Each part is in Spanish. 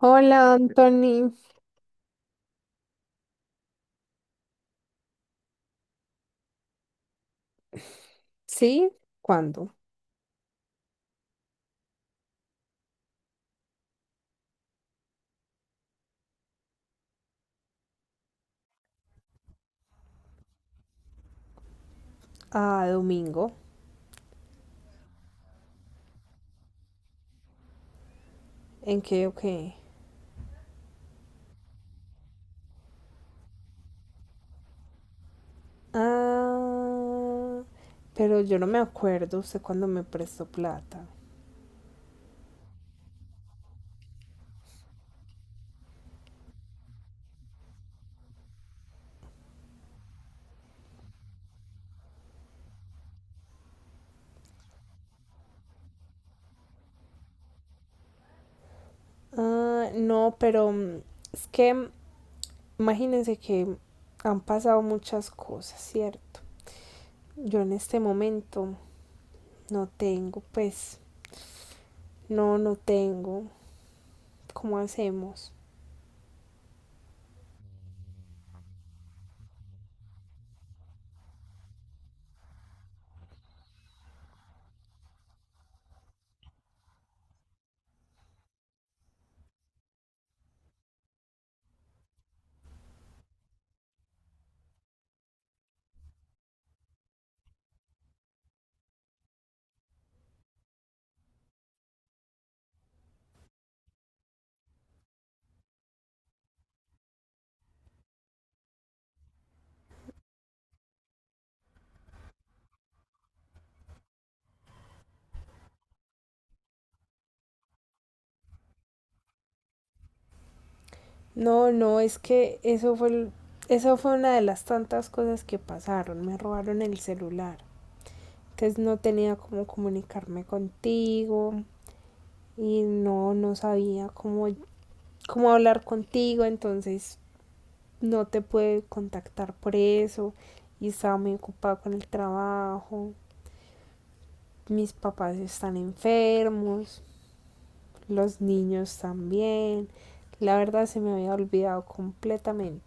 Hola, Anthony. ¿Sí? ¿Cuándo? Ah, domingo. ¿En qué o qué? Ah, pero yo no me acuerdo usted cuándo me prestó plata. Ah, no, pero es que imagínense que han pasado muchas cosas, ¿cierto? Yo en este momento no tengo, pues, no tengo. ¿Cómo hacemos? No, no, es que eso fue, eso fue una de las tantas cosas que pasaron. Me robaron el celular. Entonces no tenía cómo comunicarme contigo y no sabía cómo hablar contigo. Entonces no te pude contactar por eso y estaba muy ocupada con el trabajo. Mis papás están enfermos, los niños también. La verdad se me había olvidado completamente.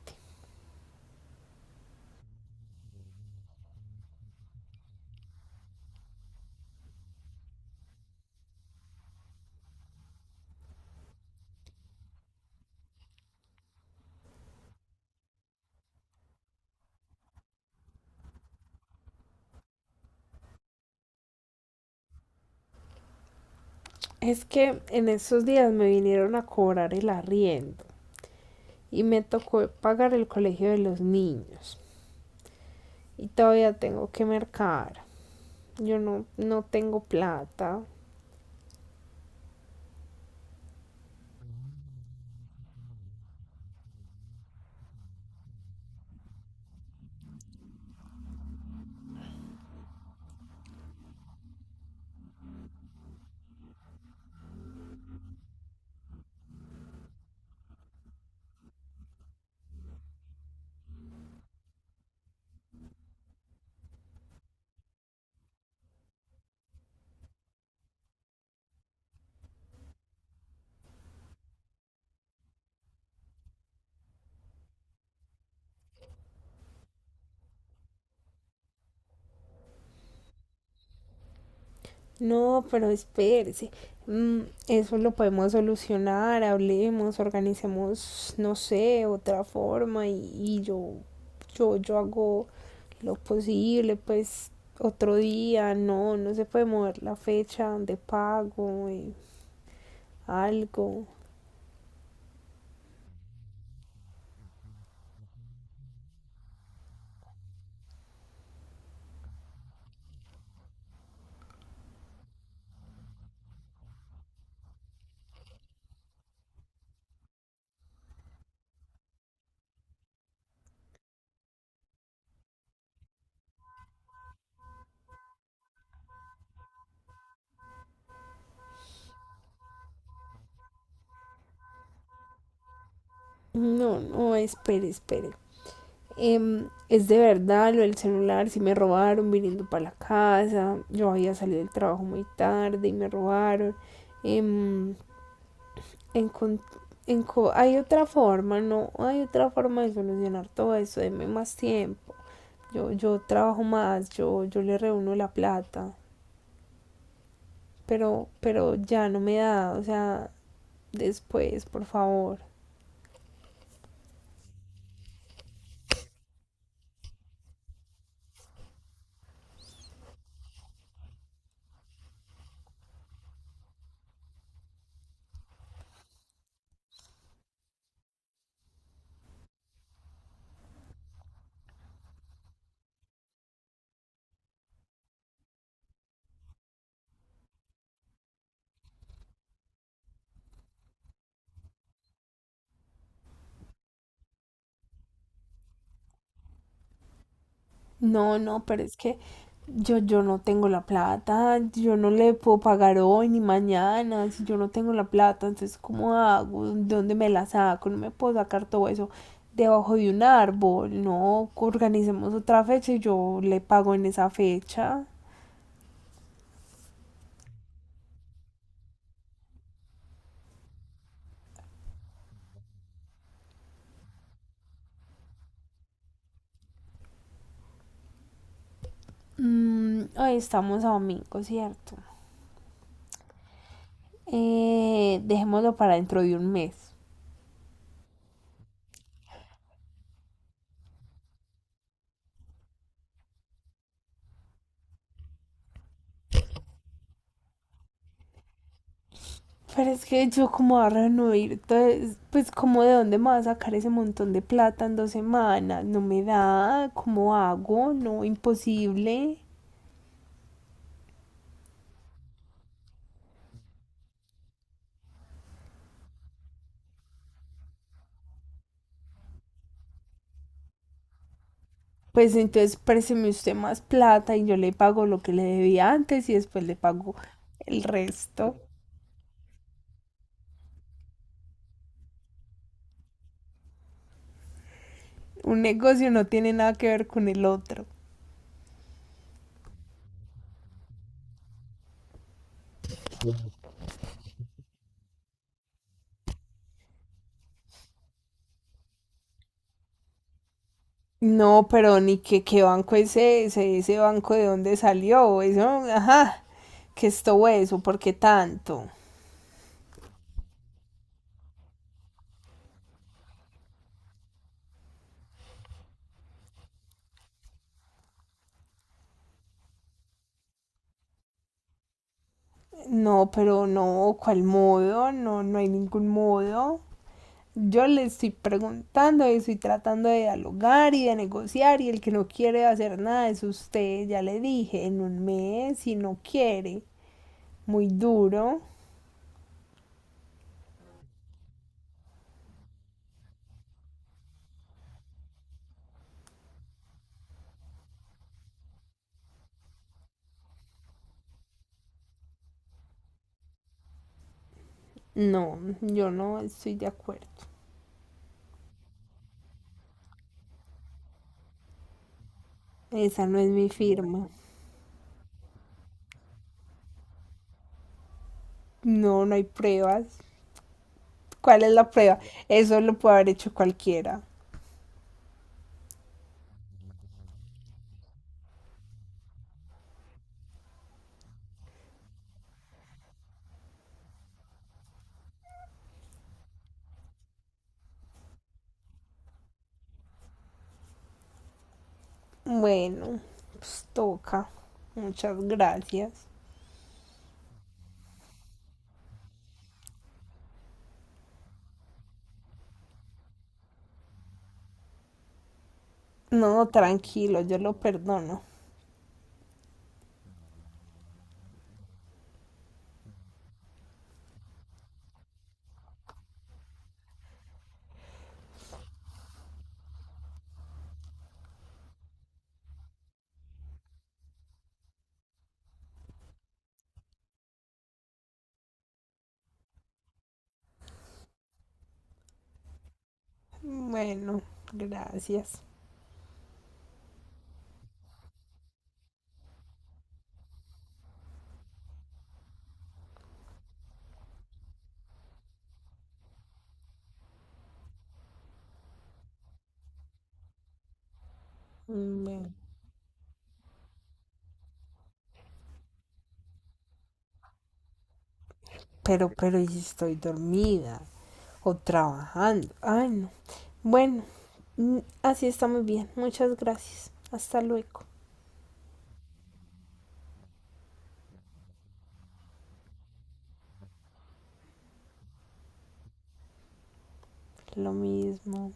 Es que en esos días me vinieron a cobrar el arriendo y me tocó pagar el colegio de los niños. Y todavía tengo que mercar. Yo no tengo plata. No, pero espérese. Mm, Eso lo podemos solucionar, hablemos, organicemos, no sé, otra forma y yo hago lo posible, pues otro día, no, no se puede mover la fecha de pago, algo. No, no, espere, espere. Es de verdad lo del celular, si me robaron viniendo para la casa, yo había salido del trabajo muy tarde y me robaron. Em, encon- hay otra forma, no, hay otra forma de solucionar todo eso, denme más tiempo. Yo trabajo más, yo le reúno la plata, pero ya no me da, o sea, después, por favor. No, no, pero es que yo no tengo la plata, yo no le puedo pagar hoy ni mañana, si yo no tengo la plata, entonces ¿cómo hago? ¿De dónde me la saco? No me puedo sacar todo eso debajo de un árbol, no, organicemos otra fecha y yo le pago en esa fecha. Hoy estamos a domingo, ¿cierto? Dejémoslo para dentro de un mes. Pero es que yo como a reunir, entonces, pues como de dónde me va a sacar ese montón de plata en dos semanas, no me da, ¿cómo hago? No, imposible. Pues entonces présteme usted más plata y yo le pago lo que le debía antes y después le pago el resto. Un negocio no tiene nada que ver con el otro. No, pero ni que qué banco es ese, ese banco de dónde salió, eso, ajá, que esto eso, ¿por qué tanto? No, pero no, ¿cuál modo? No, no hay ningún modo. Yo le estoy preguntando y estoy tratando de dialogar y de negociar y el que no quiere hacer nada es usted, ya le dije, en un mes, si no quiere, muy duro. No, yo no estoy de acuerdo. Esa no es mi firma. No, no hay pruebas. ¿Cuál es la prueba? Eso lo puede haber hecho cualquiera. Bueno, pues toca. Muchas gracias. No, tranquilo, yo lo perdono. Bueno, gracias. Bueno. Pero, ¿y si estoy dormida o trabajando? Ay, no. Bueno, así está muy bien. Muchas gracias. Hasta luego. Lo mismo.